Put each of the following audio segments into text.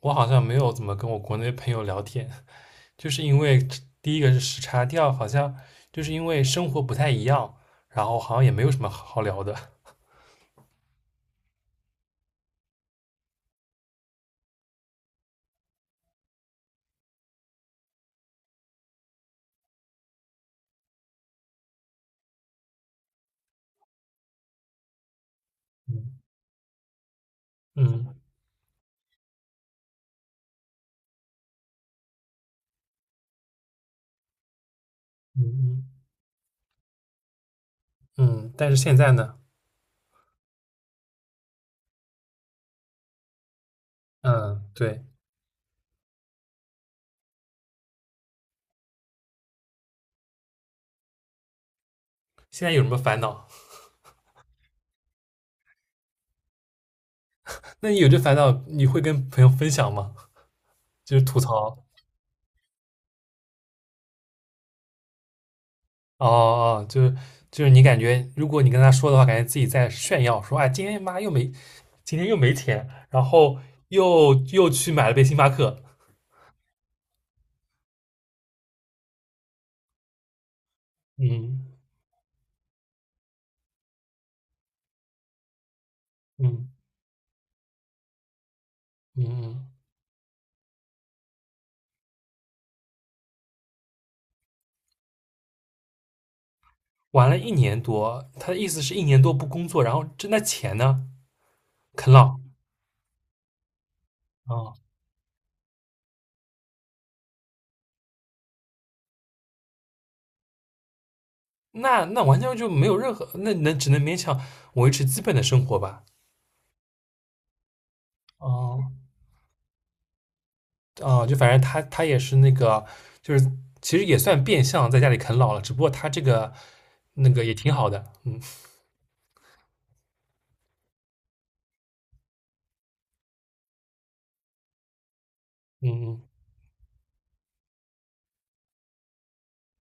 我好像没有怎么跟我国内朋友聊天，就是因为第一个是时差，第二好像就是因为生活不太一样，然后好像也没有什么好聊的。嗯。 嗯嗯嗯但是现在呢？嗯，对。现在有什么烦恼？那你有这烦恼，你会跟朋友分享吗？就是吐槽。哦哦，就是你感觉，如果你跟他说的话，感觉自己在炫耀，说哎，今天又没钱，然后又去买了杯星巴克。嗯嗯。嗯，嗯玩了一年多，他的意思是一年多不工作，然后挣的钱呢？啃老？啊、哦，那完全就没有任何，那只能勉强维持基本的生活吧。哦哦，就反正他也是那个，就是其实也算变相在家里啃老了，只不过他这个那个也挺好的。嗯嗯嗯，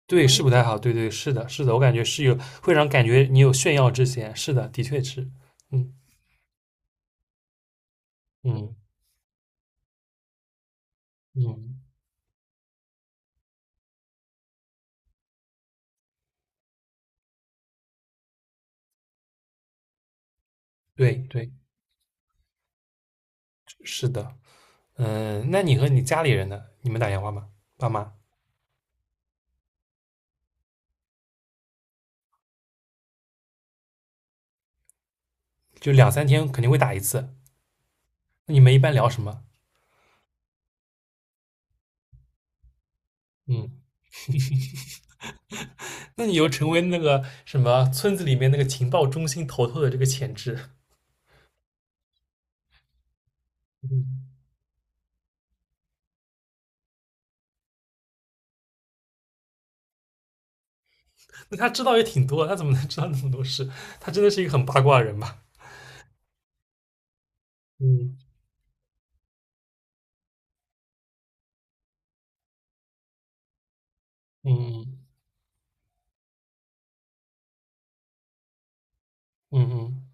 对，是不太好，对对是的，是的，我感觉会让感觉你有炫耀之嫌，是的，的确是。嗯嗯嗯，对对是的。嗯，那你和你家里人呢？你们打电话吗？爸妈就两三天肯定会打一次。那你们一般聊什么？嗯，那你又成为那个什么村子里面那个情报中心头头的这个潜质。嗯，那他知道也挺多，他怎么能知道那么多事？他真的是一个很八卦的人吧？嗯嗯嗯嗯，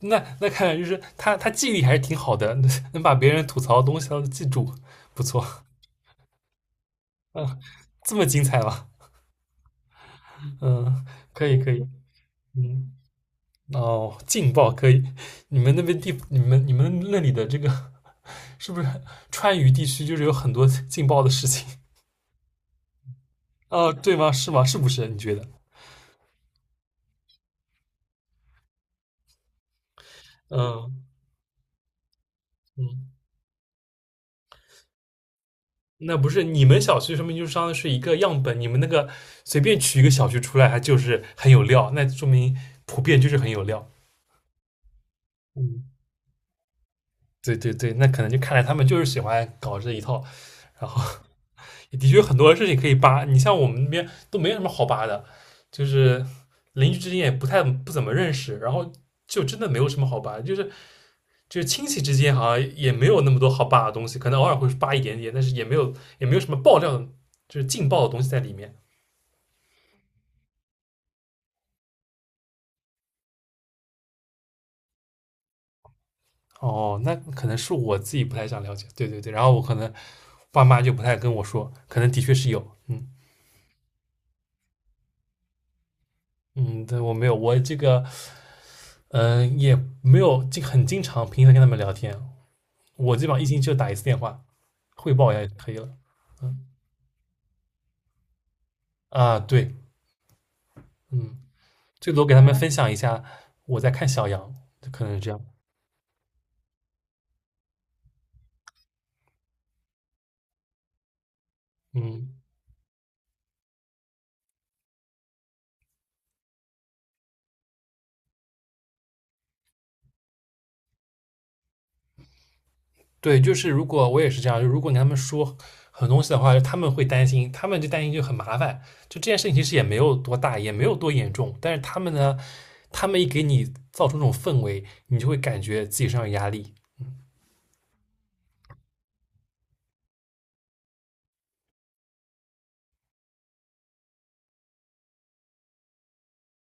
那看来就是他记忆力还是挺好的。能把别人吐槽的东西他都记住，不错。嗯，这么精彩吗？嗯，可以可以。嗯。哦，劲爆可以！你们那里的这个是不是川渝地区就是有很多劲爆的事情？啊？对吗？是吗？是不是？你觉得？嗯嗯，那不是你们小区说明就是相当于是一个样本，你们那个随便取一个小区出来，它就是很有料，那说明普遍就是很有料。嗯。对对对，那可能就看来他们就是喜欢搞这一套，然后也的确有很多事情可以扒。你像我们那边都没有什么好扒的，就是邻居之间也不怎么认识，然后就真的没有什么好扒，就是亲戚之间好像也没有那么多好扒的东西，可能偶尔会扒一点点，但是也没有什么爆料的，就是劲爆的东西在里面。哦，那可能是我自己不太想了解，对对对，然后我可能爸妈就不太跟我说，可能的确是有。嗯嗯，对我没有，我这个嗯，也没有很经常频繁跟他们聊天，我基本上一星期就打一次电话，汇报一下就可以了。啊，对，嗯，最多给他们分享一下我在看小羊，可能是这样。嗯，对，就是如果我也是这样，就如果你跟他们说很多东西的话，他们会担心，他们就担心就很麻烦。就这件事情其实也没有多大，也没有多严重，但是他们呢，他们一给你造成这种氛围，你就会感觉自己身上有压力。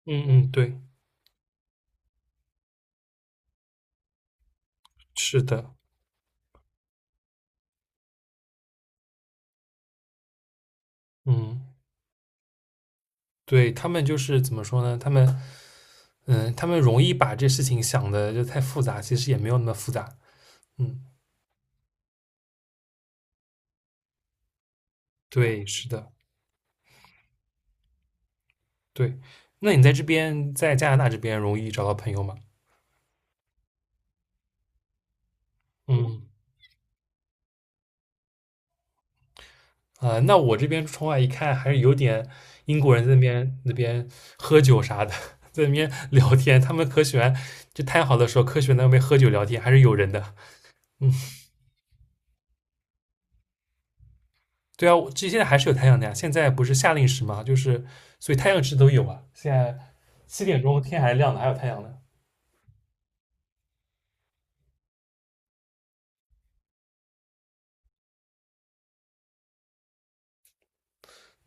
嗯嗯，对，是的，嗯。对，他们就是怎么说呢？他们容易把这事情想的就太复杂，其实也没有那么复杂。嗯，对，是的，对。那你在这边，在加拿大这边容易找到朋友吗？嗯。啊、那我这边窗外一看，还是有点英国人在那边喝酒啥的。在那边聊天，他们可喜欢，就太好的时候，可喜欢在那边喝酒聊天，还是有人的。嗯。对啊，我这现在还是有太阳的呀。现在不是夏令时嘛，就是所以太阳值都有啊。现在七点钟天还亮的，还有太阳呢。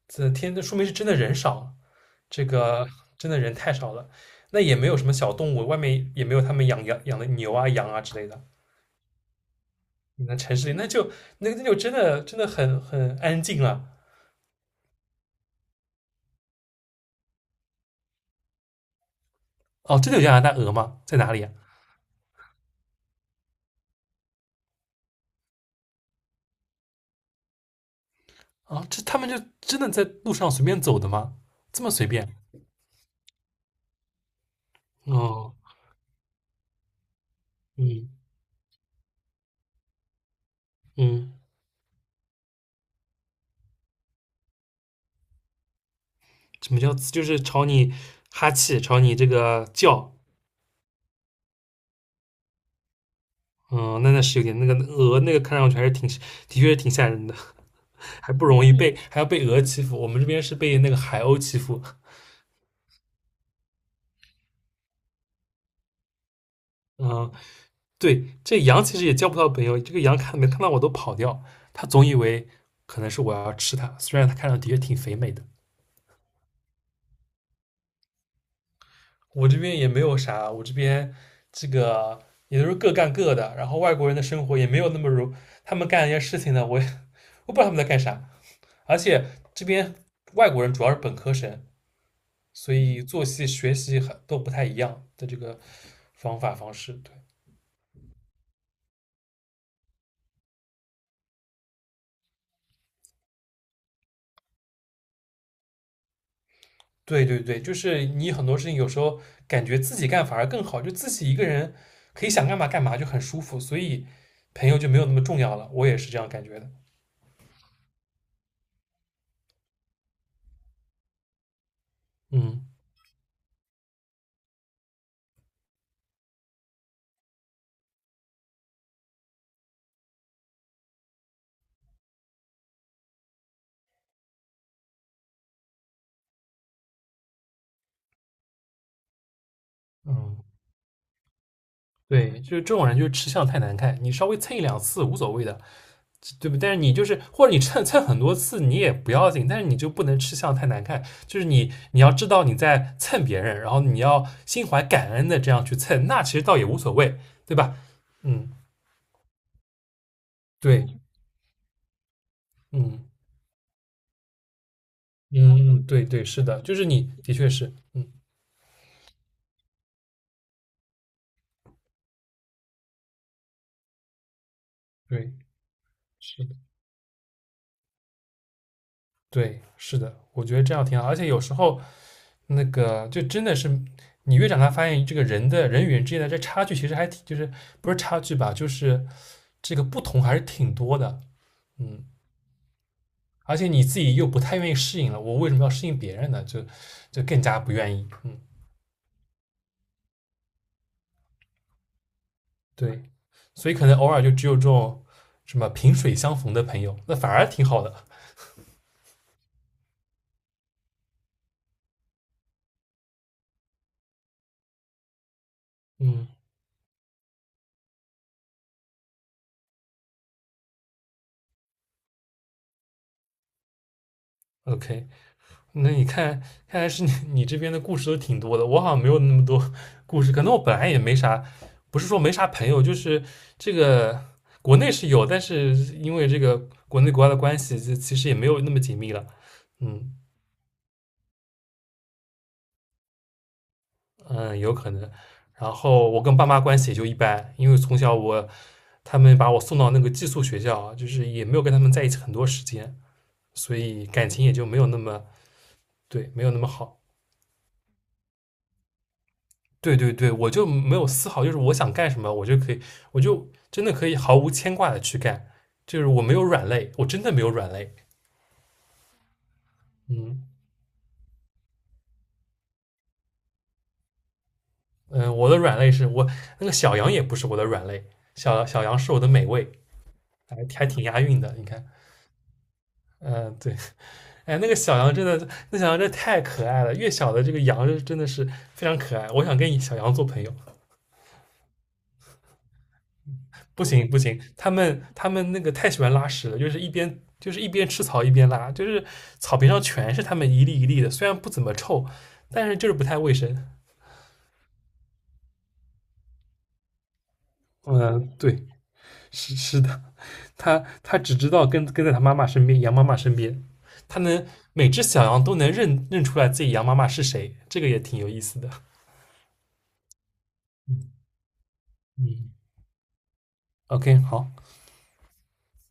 这说明是真的人少，这个真的人太少了。那也没有什么小动物，外面也没有他们养的牛啊、羊啊之类的。那城市里那就真的真的很安静了。哦，真的有加拿大鹅吗？在哪里啊？啊，这他们就真的在路上随便走的吗？这么随便？哦，嗯嗯。什么叫就是朝你哈气，朝你这个叫。嗯，那是有点那个鹅那个看上去还是的确是挺吓人的，还不容易被还要被鹅欺负，我们这边是被那个海鸥欺负。嗯，对，这羊其实也交不到朋友，这个羊看没看到我都跑掉，它总以为可能是我要吃它，虽然它看上去的确挺肥美的。我这边也没有啥，我这边这个。也都是各干各的，然后外国人的生活也没有那么如他们干一些事情呢，我不知道他们在干啥，而且这边外国人主要是本科生，所以作息学习都不太一样的这个方法方式。对，对对对，就是你很多事情有时候感觉自己干反而更好，就自己一个人可以想干嘛干嘛，就很舒服，所以朋友就没有那么重要了。我也是这样感觉的。嗯嗯，对，就是这种人就是吃相太难看，你稍微蹭一两次无所谓的，对不对？但是你就是或者你蹭蹭很多次你也不要紧，但是你就不能吃相太难看。就是你要知道你在蹭别人，然后你要心怀感恩的这样去蹭，那其实倒也无所谓，对吧？嗯，对，嗯嗯，对对，是的，就是你的确是，嗯，对，是的，对，是的，我觉得这样挺好。而且有时候那个就真的是你越长大，发现人与人之间的这差距其实还挺，就是不是差距吧，就是这个不同还是挺多的。嗯，而且你自己又不太愿意适应了，我为什么要适应别人呢？就更加不愿意。嗯，对，所以可能偶尔就只有这种什么萍水相逢的朋友，那反而挺好的。嗯，OK，那你看，看来是你这边的故事都挺多的，我好像没有那么多故事，可能我本来也没啥，不是说没啥朋友，就是这个国内是有，但是因为这个国内国外的关系，就其实也没有那么紧密了。嗯，嗯，有可能。然后我跟爸妈关系也就一般，因为从小他们把我送到那个寄宿学校，就是也没有跟他们在一起很多时间，所以感情也就没有那么，对，没有那么好。对对对，我就没有丝毫就是我想干什么，我就可以，我就真的可以毫无牵挂的去干，就是我没有软肋，我真的没有软肋。嗯嗯、我的软肋是我那个小羊也不是我的软肋，小小羊是我的美味，还挺押韵的，你看。嗯、对，哎，那个小羊真的，那小羊真的太可爱了。越小的这个羊真的是非常可爱，我想跟小羊做朋友。不行不行，他们那个太喜欢拉屎了，就是一边吃草一边拉，就是草坪上全是他们一粒一粒的，虽然不怎么臭，但是就是不太卫生。嗯、对，是的，他只知道跟在他妈妈身边，羊妈妈身边，他能每只小羊都能认出来自己羊妈妈是谁，这个也挺有意思的。嗯嗯，OK，好。